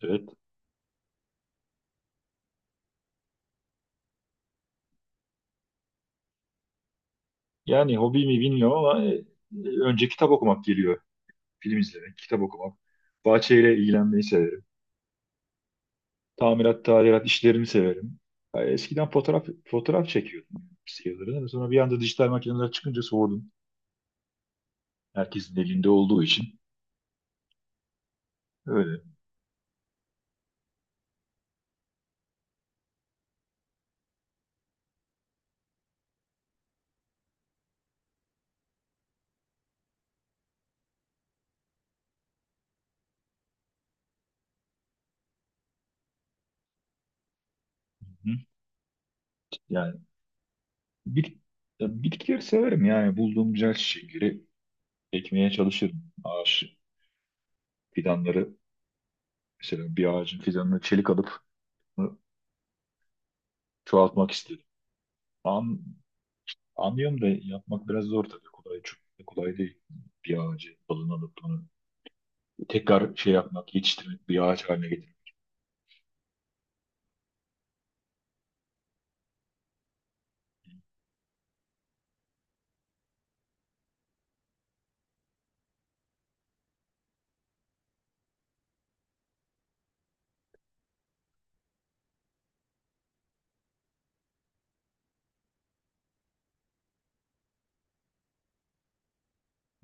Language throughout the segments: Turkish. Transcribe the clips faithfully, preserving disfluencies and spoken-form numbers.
Evet. Yani hobi mi bilmiyorum ama e, önce kitap okumak geliyor. Film izlemek, kitap okumak. Bahçeyle ilgilenmeyi severim. Tamirat, tadilat işlerini severim. Ya eskiden fotoğraf fotoğraf çekiyordum sayıları. Sonra bir anda dijital makineler çıkınca soğudum. Herkesin elinde olduğu için. Öyle. Hı. Yani bit, ya bitkileri severim yani. Bulduğum güzel çiçekleri ekmeye çalışırım. Ağaç fidanları, mesela bir ağacın fidanını çelik alıp onu çoğaltmak isterim. An Anlıyorum da yapmak biraz zor tabii. Kolay, çok da kolay değil. Bir ağacı dalını alıp onu tekrar şey yapmak, yetiştirmek, bir ağaç haline getirmek.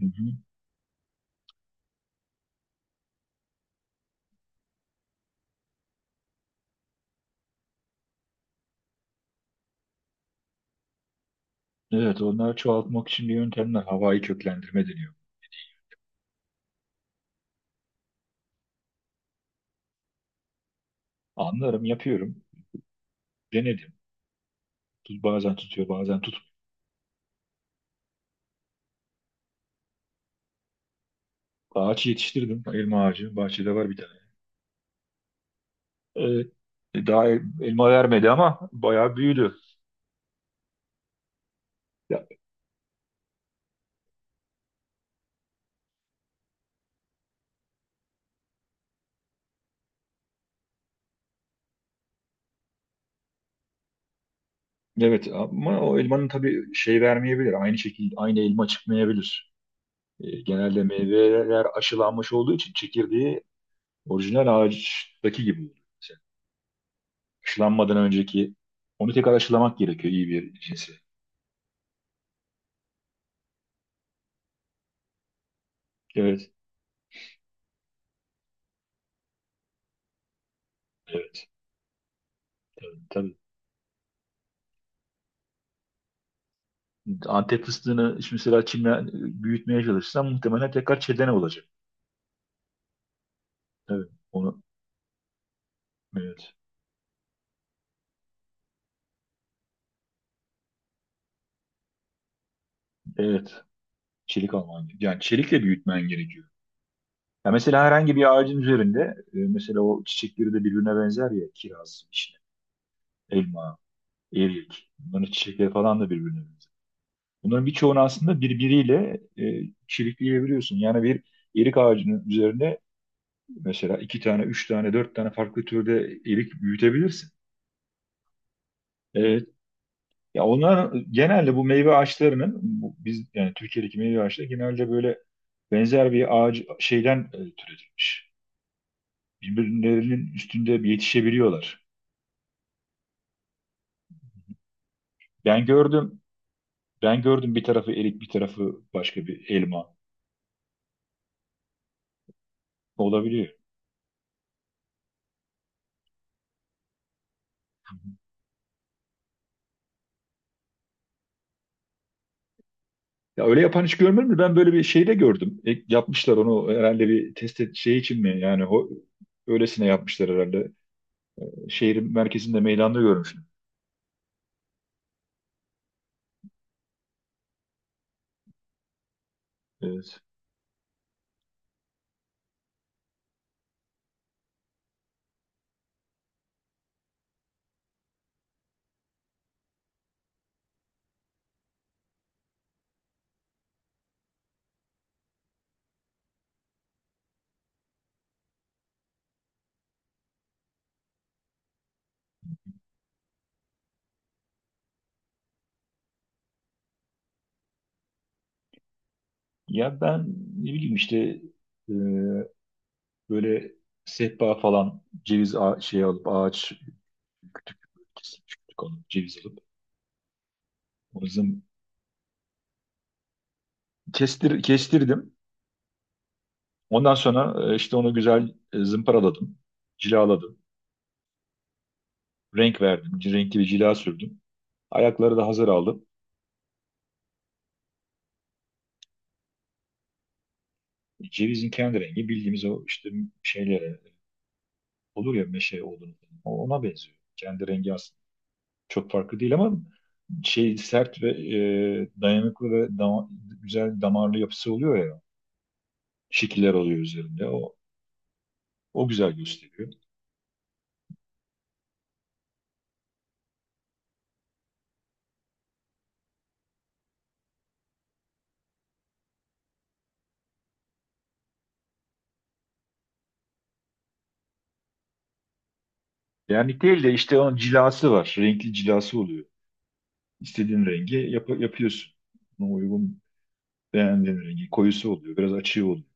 Hı hı. Evet, onları çoğaltmak için bir yöntemler. Havai köklendirme deniyor. Anlarım, yapıyorum. Denedim. Tut, bazen tutuyor, bazen tut. Ağaç yetiştirdim. Elma ağacı. Bahçede var bir tane. Evet. Daha el- elma vermedi ama bayağı büyüdü. Ya, evet, ama o elmanın tabii şey vermeyebilir. Aynı şekilde aynı elma çıkmayabilir. E, genelde meyveler aşılanmış olduğu için çekirdeği orijinal ağaçtaki gibi oluyor. Mesela aşılanmadan önceki onu tekrar aşılamak gerekiyor iyi bir cinsi. Evet, evet, evet, tabii. Antep fıstığını şimdi mesela çimle büyütmeye çalışsan muhtemelen tekrar çedene olacak. Evet. Onu, evet, evet. Çelik alman gerekiyor. Yani çelikle büyütmen gerekiyor. Ya mesela herhangi bir ağacın üzerinde, e, mesela o çiçekleri de birbirine benzer ya, kiraz, işte, elma, erik. Bunların çiçekleri falan da birbirine benzer. Bunların birçoğunu aslında birbiriyle e, çirikleyebiliyorsun. Yani bir erik ağacının üzerine mesela iki tane, üç tane, dört tane farklı türde erik büyütebilirsin. E, Ya onlar genelde bu meyve ağaçlarının, bu, biz yani Türkiye'deki meyve ağaçları genelde böyle benzer bir ağaç şeyden e, türetilmiş. Birbirlerinin üstünde yetişebiliyorlar. Ben gördüm, ben gördüm, bir tarafı erik, bir tarafı başka bir elma olabiliyor. Ya öyle yapan hiç görmedim de ben böyle bir şey de gördüm. E, yapmışlar onu herhalde bir test et, şey için mi yani ho- öylesine yapmışlar herhalde. Şehrin merkezinde meydanda görmüştüm. Evet. Ya ben ne bileyim işte e, böyle sehpa falan ceviz ağa- şey alıp ağaç kütük kesip kütük alıp ceviz alıp onu zım- kestir, kestirdim. Ondan sonra e, işte onu güzel e, zımparaladım, cilaladım, renk verdim, renkli bir cila sürdüm. Ayakları da hazır aldım. Cevizin kendi rengi bildiğimiz o işte şeylere olur ya, meşe olduğunu, ona benziyor. Kendi rengi aslında çok farklı değil ama şey sert ve e, dayanıklı ve dama- güzel damarlı yapısı oluyor ya. Şekiller oluyor üzerinde. O, o güzel gösteriyor. Yani değil de işte onun cilası var. Renkli cilası oluyor. İstediğin rengi yap yapıyorsun. Buna uygun beğendiğin rengi. Koyusu oluyor. Biraz açığı oluyor.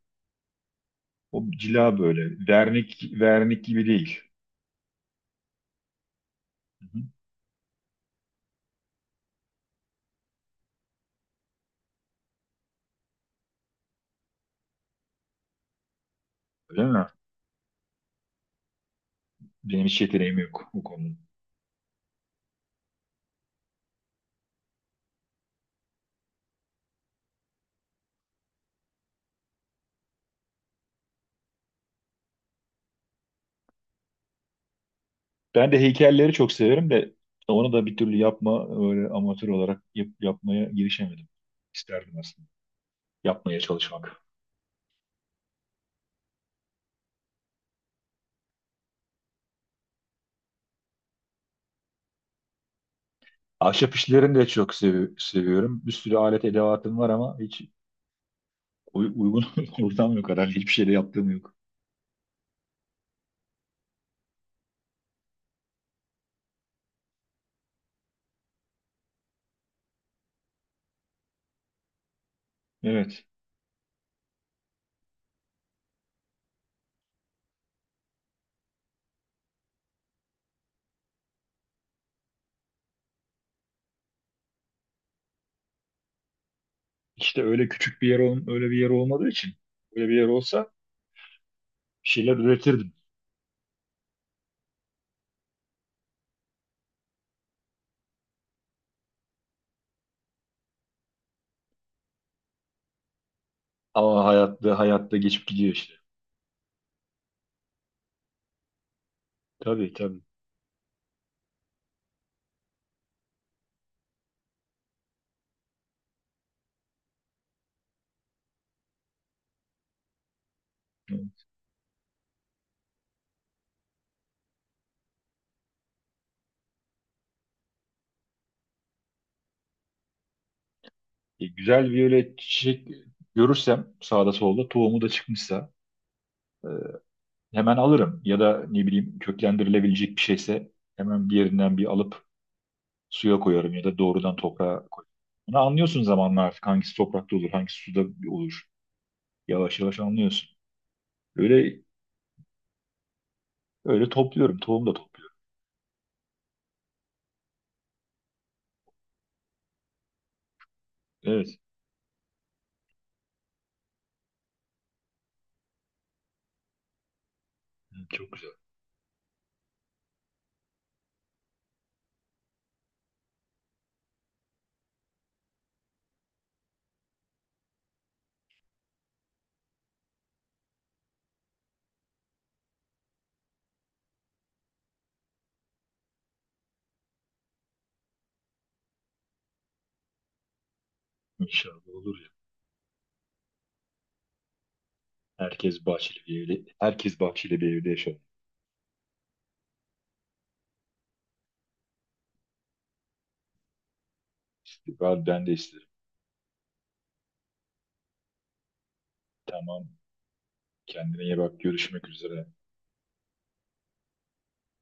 O cila böyle. Vernik, vernik gibi değil. Hı hı. Öyle mi? Benim hiç yeteneğim yok bu konuda. Ben de heykelleri çok severim de onu da bir türlü yapma öyle amatör olarak yap- yapmaya girişemedim. İsterdim aslında yapmaya çalışmak. Ahşap işlerini de çok sevi- seviyorum. Bir sürü alet edevatım var ama hiç uy- uygun ortam yok herhalde. Hiçbir şeyde yaptığım yok. Evet. İşte öyle küçük bir yer ol- öyle bir yer olmadığı için öyle bir yer olsa bir şeyler üretirdim. Ama hayatta hayatta geçip gidiyor işte. Tabii tabii. E, güzel viyole çiçek görürsem sağda solda tohumu da çıkmışsa e, hemen alırım. Ya da ne bileyim köklendirilebilecek bir şeyse hemen bir yerinden bir alıp suya koyarım ya da doğrudan toprağa koyarım. Bunu anlıyorsun zamanla artık hangisi toprakta olur, hangisi suda olur. Yavaş yavaş anlıyorsun. Öyle öyle topluyorum, tohum da topluyorum. Evet, evet, çok güzel. İnşallah olur ya. Herkes bahçeli bir evde, herkes bahçeli bir evde yaşar. İşte Ben, ben de isterim. Tamam. Kendine iyi bak. Görüşmek üzere.